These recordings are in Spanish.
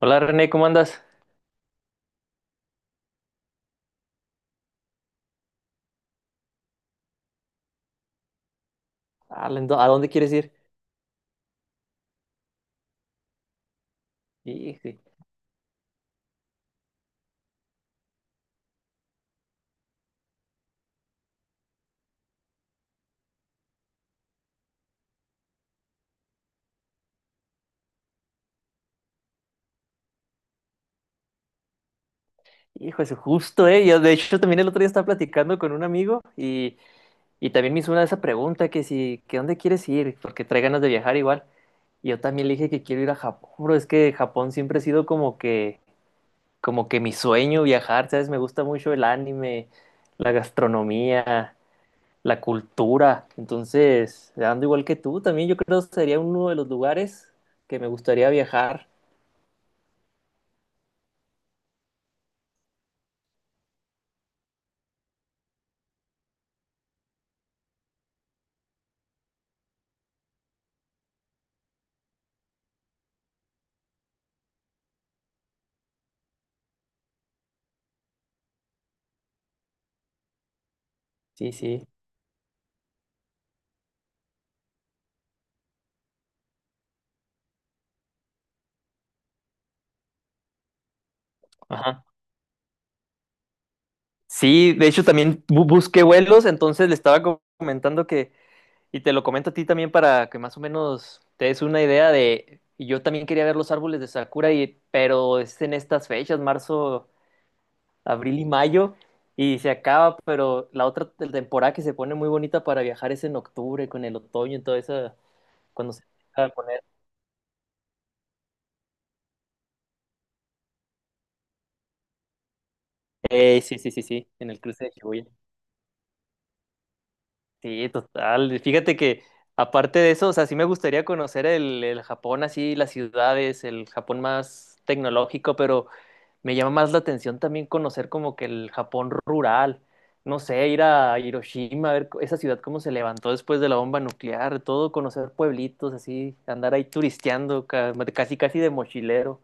Hola René, ¿cómo andas? Ah, ¿A dónde quieres ir? Hijo, hijo, eso justo, ¿eh? Yo, de hecho, también el otro día estaba platicando con un amigo y también me hizo una de esa pregunta que si, que dónde quieres ir, porque trae ganas de viajar igual. Y yo también le dije que quiero ir a Japón, bro, es que Japón siempre ha sido como que mi sueño viajar, ¿sabes? Me gusta mucho el anime, la gastronomía, la cultura. Entonces, ando igual que tú, también yo creo que sería uno de los lugares que me gustaría viajar. Sí, sí. Ajá. Sí, de hecho también busqué vuelos, entonces le estaba comentando que, y te lo comento a ti también para que más o menos te des una idea de, y yo también quería ver los árboles de Sakura, y, pero es en estas fechas, marzo, abril y mayo, y se acaba, pero la otra temporada que se pone muy bonita para viajar es en octubre, con el otoño y todo eso, cuando se empieza a poner. Sí, sí, sí, sí, en el cruce de Shibuya. Sí, total. Fíjate que aparte de eso, o sea, sí me gustaría conocer el Japón así, las ciudades, el Japón más tecnológico, pero me llama más la atención también conocer como que el Japón rural. No sé, ir a Hiroshima, a ver esa ciudad cómo se levantó después de la bomba nuclear, todo, conocer pueblitos así, andar ahí turisteando, casi casi de mochilero.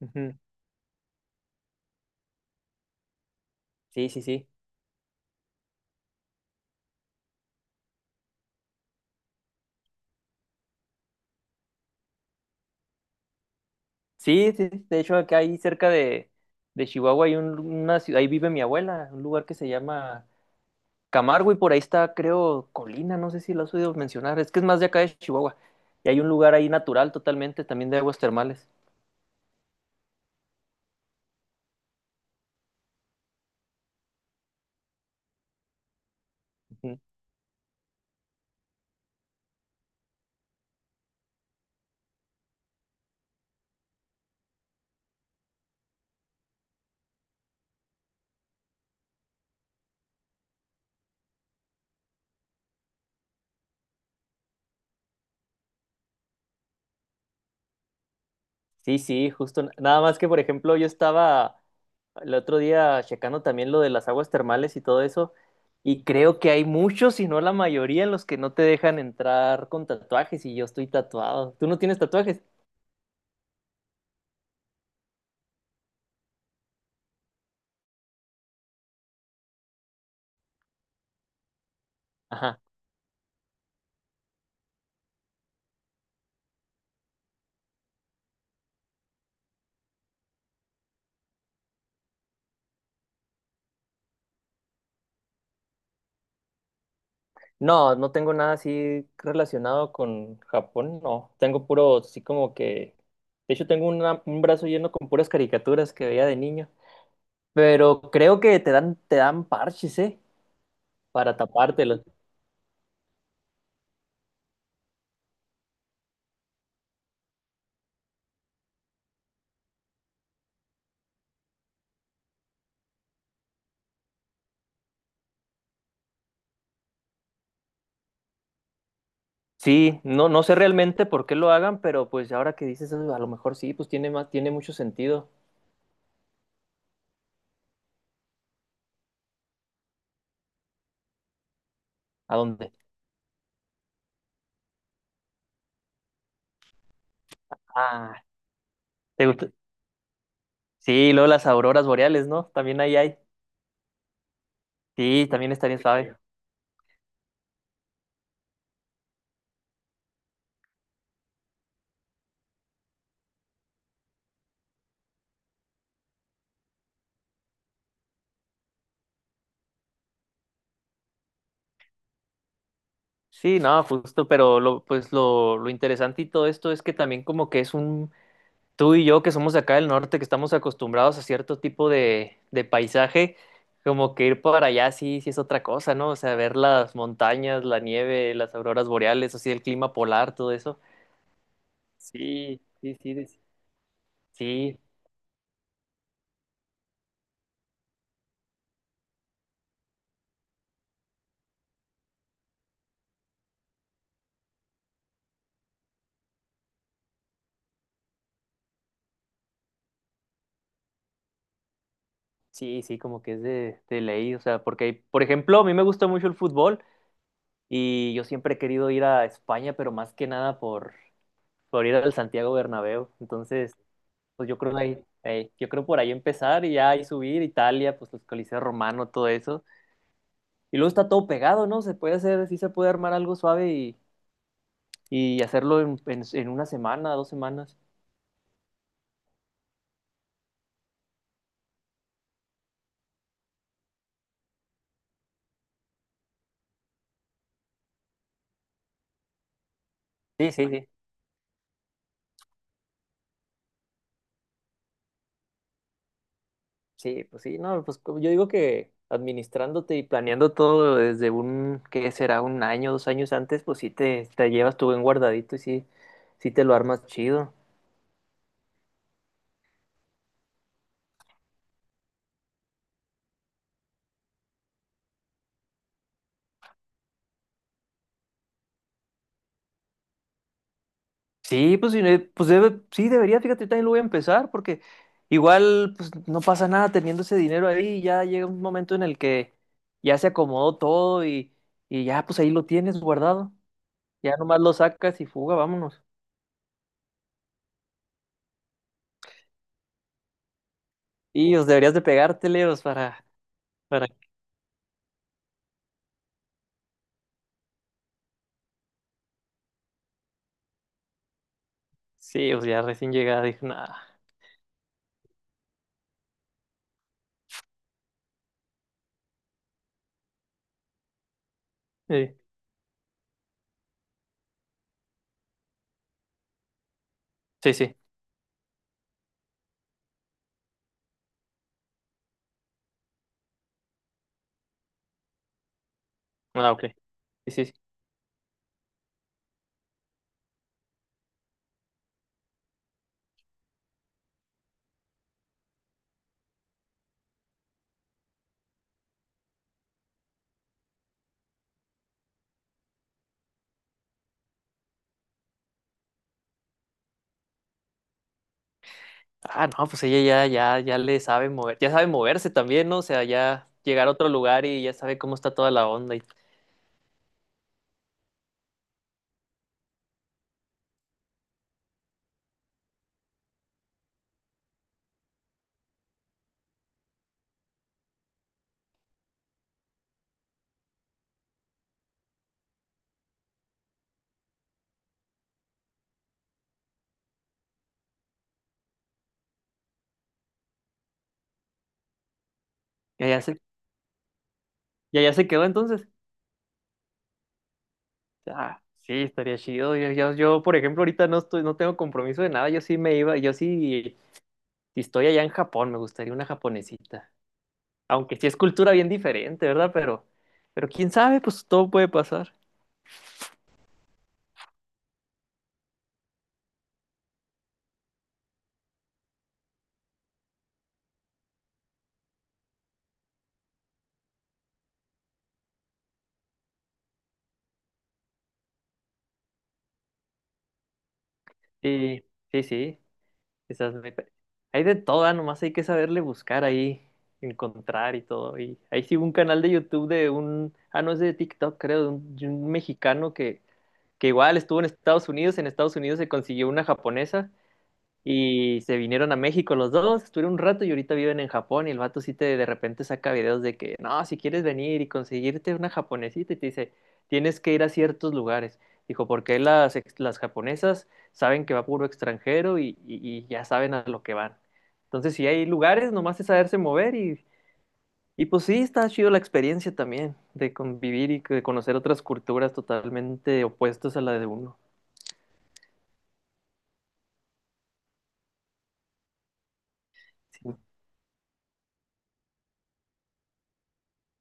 Ujú. Sí, sí, sí. Sí, sí, sí. De hecho acá ahí cerca de Chihuahua hay una ciudad, ahí vive mi abuela, un lugar que se llama Camargo y por ahí está, creo, Colina, no sé si lo has oído mencionar, es que es más de acá de Chihuahua. Y hay un lugar ahí natural totalmente, también de aguas termales. Ujú. Sí, sí, justo. Nada más que, por ejemplo, yo estaba el otro día checando también lo de las aguas termales y todo eso, y creo que hay muchos, si no la mayoría, en los que no te dejan entrar con tatuajes y yo estoy tatuado. ¿Tú no tienes tatuajes? Ajá. No, no tengo nada así relacionado con Japón, no. Tengo puro, así como que… De hecho, tengo un brazo lleno con puras caricaturas que veía de niño. Pero creo que te dan parches, ¿eh? Para tapártelos. Sí, no, no sé realmente por qué lo hagan, pero pues ahora que dices eso, a lo mejor sí, pues tiene más, tiene mucho sentido. ¿A dónde? Ah, ¿te gusta? Sí, luego las auroras boreales, ¿no? También ahí hay. Sí, también estaría suave. Sí, no, justo, pero lo, pues lo interesante y todo esto es que también como que es un, tú y yo que somos de acá del norte, que estamos acostumbrados a cierto tipo de paisaje, como que ir para allá sí, sí es otra cosa, ¿no? O sea, ver las montañas, la nieve, las auroras boreales, así el clima polar, todo eso. Sí, sí, sí, de- sí, sí, sí, como que es de ley, o sea, porque, por ejemplo, a mí me gusta mucho el fútbol y yo siempre he querido ir a España, pero más que nada por ir al Santiago Bernabéu. Entonces, pues yo creo ahí, yo creo por ahí empezar y ya ahí subir Italia, pues los coliseos romanos, todo eso. Y luego está todo pegado, ¿no? Se puede hacer, sí se puede armar algo suave y hacerlo en una semana, dos semanas. Sí, sí, sí. Sí, pues sí, no, pues yo digo que administrándote y planeando todo desde un, ¿qué será? Un año, dos años antes, pues sí te llevas tu buen guardadito y sí, sí te lo armas chido. Sí, pues, sí, pues sí, debería, fíjate, yo también lo voy a empezar porque igual pues no pasa nada teniendo ese dinero ahí, ya llega un momento en el que ya se acomodó todo y ya pues ahí lo tienes guardado, ya nomás lo sacas y fuga, vámonos. Y os deberías de pegártele, os para, sí, os ya recién llegada, dije, nada, sí, sí, sí, ah, ok, sí, sí, sí. Ah, no, pues ella ya, ya, ya le sabe mover, ya sabe moverse también, ¿no? O sea, ya llegar a otro lugar y ya sabe cómo está toda la onda y… Ya, ya se, y allá se quedó entonces. Ah, sí, estaría chido. Yo, por ejemplo, ahorita no estoy, no tengo compromiso de nada. Yo sí me iba, yo sí, si estoy allá en Japón, me gustaría una japonesita. Aunque sí es cultura bien diferente, ¿verdad? Pero quién sabe, pues todo puede pasar. Sí, sí, sí. Quizás me… Hay de todo, ah, nomás hay que saberle buscar ahí, encontrar y todo. Y ahí sí un canal de YouTube de un, ah, no es de TikTok, creo, de un mexicano que igual estuvo en Estados Unidos se consiguió una japonesa y se vinieron a México los dos, estuvieron un rato y ahorita viven en Japón y el vato sí te de repente saca videos de que, no, si quieres venir y conseguirte una japonesita y te dice, tienes que ir a ciertos lugares. Dijo, porque las, las japonesas saben que va puro extranjero y ya saben a lo que van. Entonces, si hay lugares, nomás es saberse mover y pues sí, está chido la experiencia también de convivir y de conocer otras culturas totalmente opuestas a la de uno. Sí,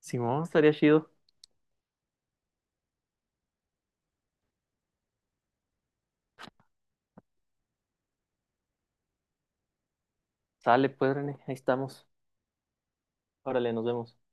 Simón, estaría chido. Sale, pues, René, ahí estamos. Órale, nos vemos.